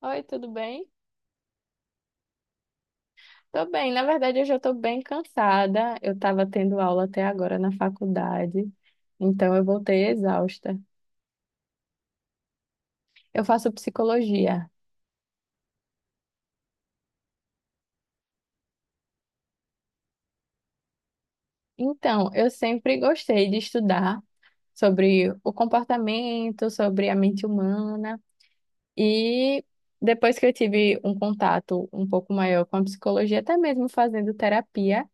Oi, tudo bem? Tô bem, na verdade eu já tô bem cansada. Eu tava tendo aula até agora na faculdade, então eu voltei exausta. Eu faço psicologia. Então, eu sempre gostei de estudar sobre o comportamento, sobre a mente humana. E depois que eu tive um contato um pouco maior com a psicologia, até mesmo fazendo terapia,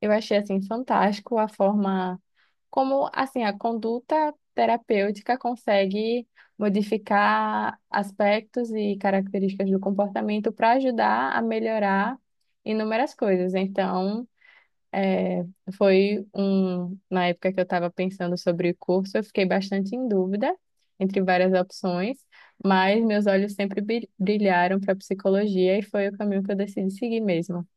eu achei assim fantástico a forma como assim a conduta terapêutica consegue modificar aspectos e características do comportamento para ajudar a melhorar inúmeras coisas. Então, é, foi um, na época que eu estava pensando sobre o curso, eu fiquei bastante em dúvida entre várias opções, mas meus olhos sempre brilharam para psicologia e foi o caminho que eu decidi seguir mesmo.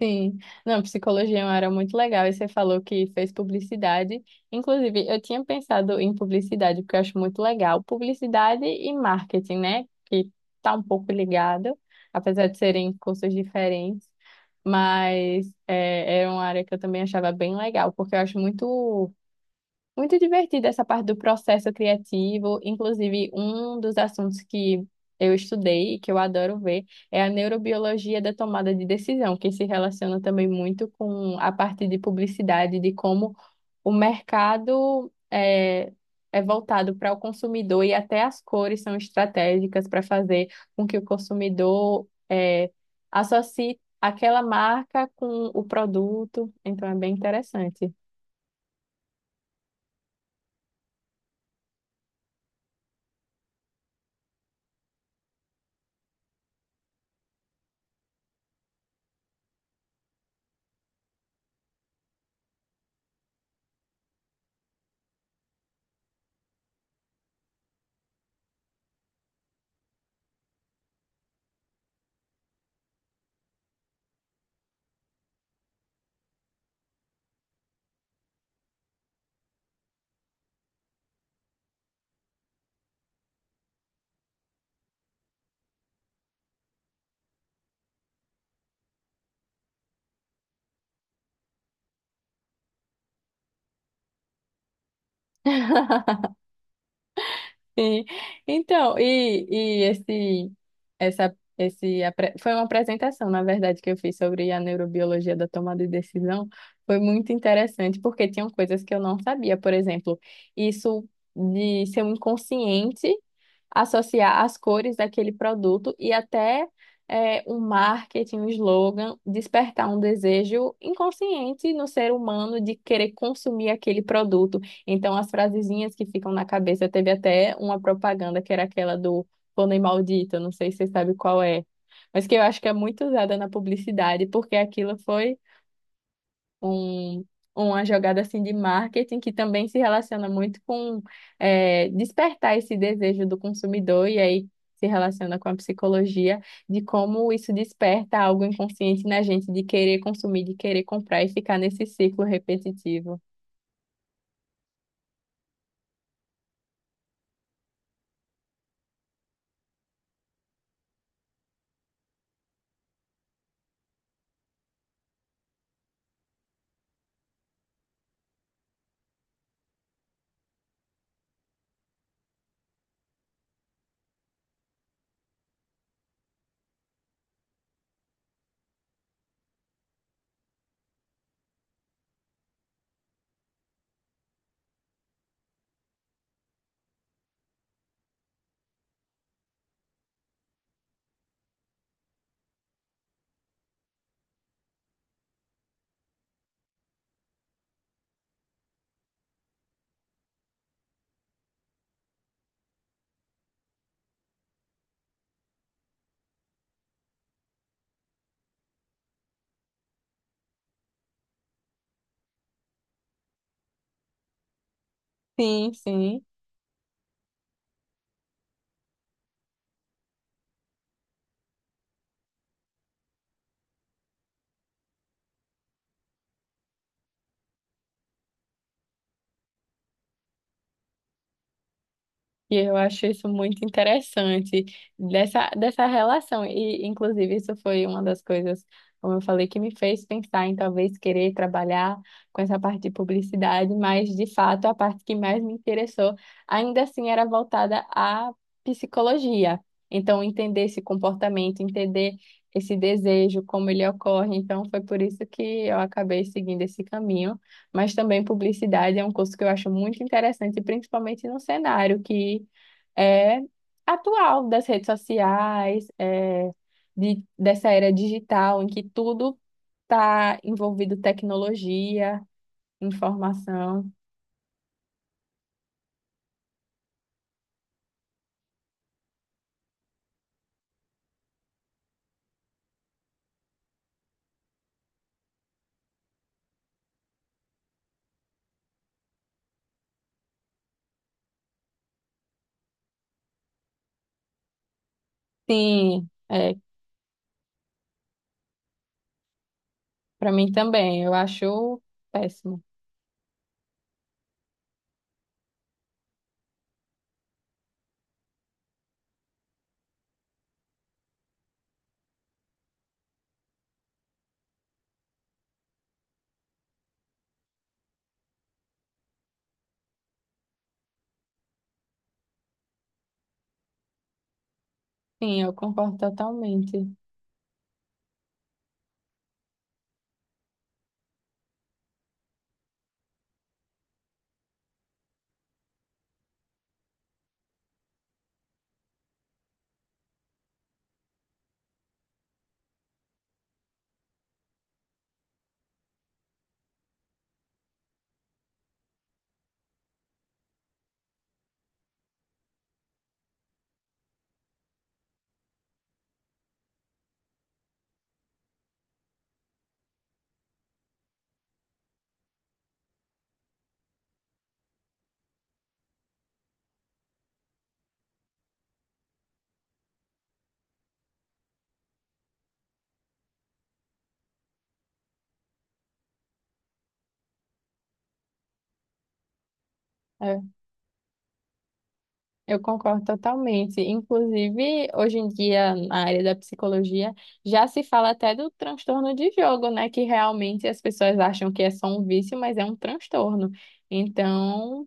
Sim, não, psicologia é uma área muito legal. E você falou que fez publicidade. Inclusive, eu tinha pensado em publicidade, porque eu acho muito legal. Publicidade e marketing, né? Que tá um pouco ligado, apesar de serem cursos diferentes. Mas é, era uma área que eu também achava bem legal, porque eu acho muito. Muito divertida essa parte do processo criativo. Inclusive, um dos assuntos que eu estudei e que eu adoro ver é a neurobiologia da tomada de decisão, que se relaciona também muito com a parte de publicidade, de como o mercado é voltado para o consumidor e até as cores são estratégicas para fazer com que o consumidor associe aquela marca com o produto. Então, é bem interessante. Sim. Então, e esse, essa, esse, apre- foi uma apresentação, na verdade, que eu fiz sobre a neurobiologia da tomada de decisão. Foi muito interessante, porque tinham coisas que eu não sabia. Por exemplo, isso de seu inconsciente associar as cores daquele produto e até um marketing, um slogan, despertar um desejo inconsciente no ser humano de querer consumir aquele produto. Então, as frasezinhas que ficam na cabeça, teve até uma propaganda que era aquela do pônei maldito, não sei se você sabe qual é, mas que eu acho que é muito usada na publicidade, porque aquilo foi um, uma jogada assim de marketing que também se relaciona muito com despertar esse desejo do consumidor e aí se relaciona com a psicologia de como isso desperta algo inconsciente na gente de querer consumir, de querer comprar e ficar nesse ciclo repetitivo. Sim, sim. E eu acho isso muito interessante, dessa relação. E, inclusive, isso foi uma das coisas, como eu falei, que me fez pensar em talvez querer trabalhar com essa parte de publicidade, mas, de fato, a parte que mais me interessou, ainda assim, era voltada à psicologia. Então, entender esse comportamento, entender esse desejo, como ele ocorre. Então, foi por isso que eu acabei seguindo esse caminho. Mas também publicidade é um curso que eu acho muito interessante, principalmente no cenário que é atual das redes sociais, dessa era digital em que tudo está envolvido tecnologia, informação. Sim, é, para mim também, eu acho péssimo. Sim, eu concordo totalmente. É, eu concordo totalmente. Inclusive, hoje em dia, na área da psicologia, já se fala até do transtorno de jogo, né? Que realmente as pessoas acham que é só um vício, mas é um transtorno. Então,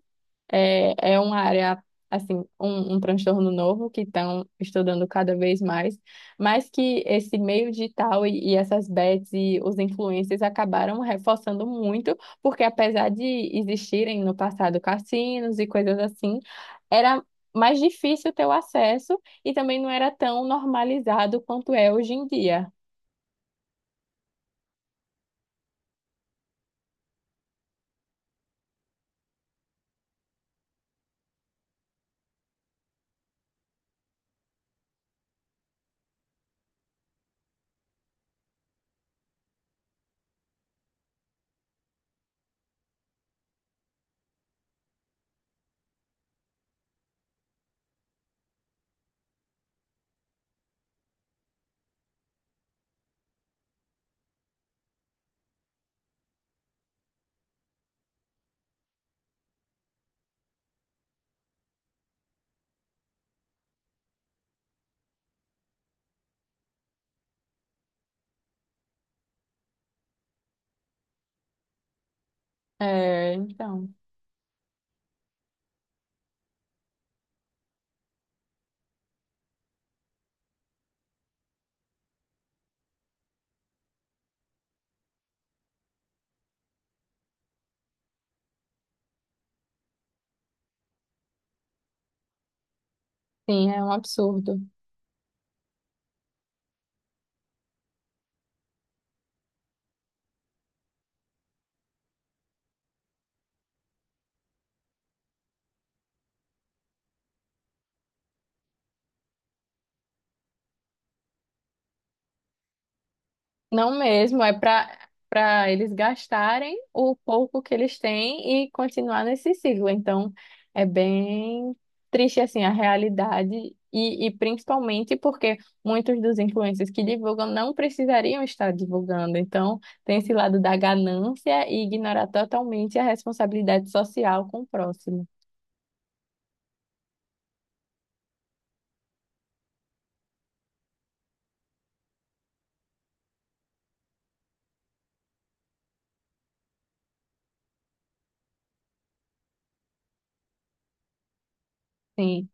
é uma área, assim, um transtorno novo que estão estudando cada vez mais, mas que esse meio digital e essas bets e os influencers acabaram reforçando muito, porque apesar de existirem no passado cassinos e coisas assim, era mais difícil ter o acesso e também não era tão normalizado quanto é hoje em dia. É, então, sim, é um absurdo. Não mesmo, é para eles gastarem o pouco que eles têm e continuar nesse ciclo. Então, é bem triste assim a realidade e principalmente porque muitos dos influencers que divulgam não precisariam estar divulgando. Então, tem esse lado da ganância e ignorar totalmente a responsabilidade social com o próximo. Sim,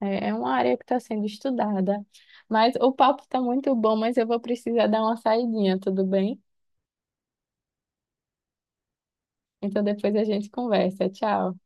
é uma área que está sendo estudada. Mas o papo está muito bom, mas eu vou precisar dar uma saidinha, tudo bem? Então depois a gente conversa. Tchau.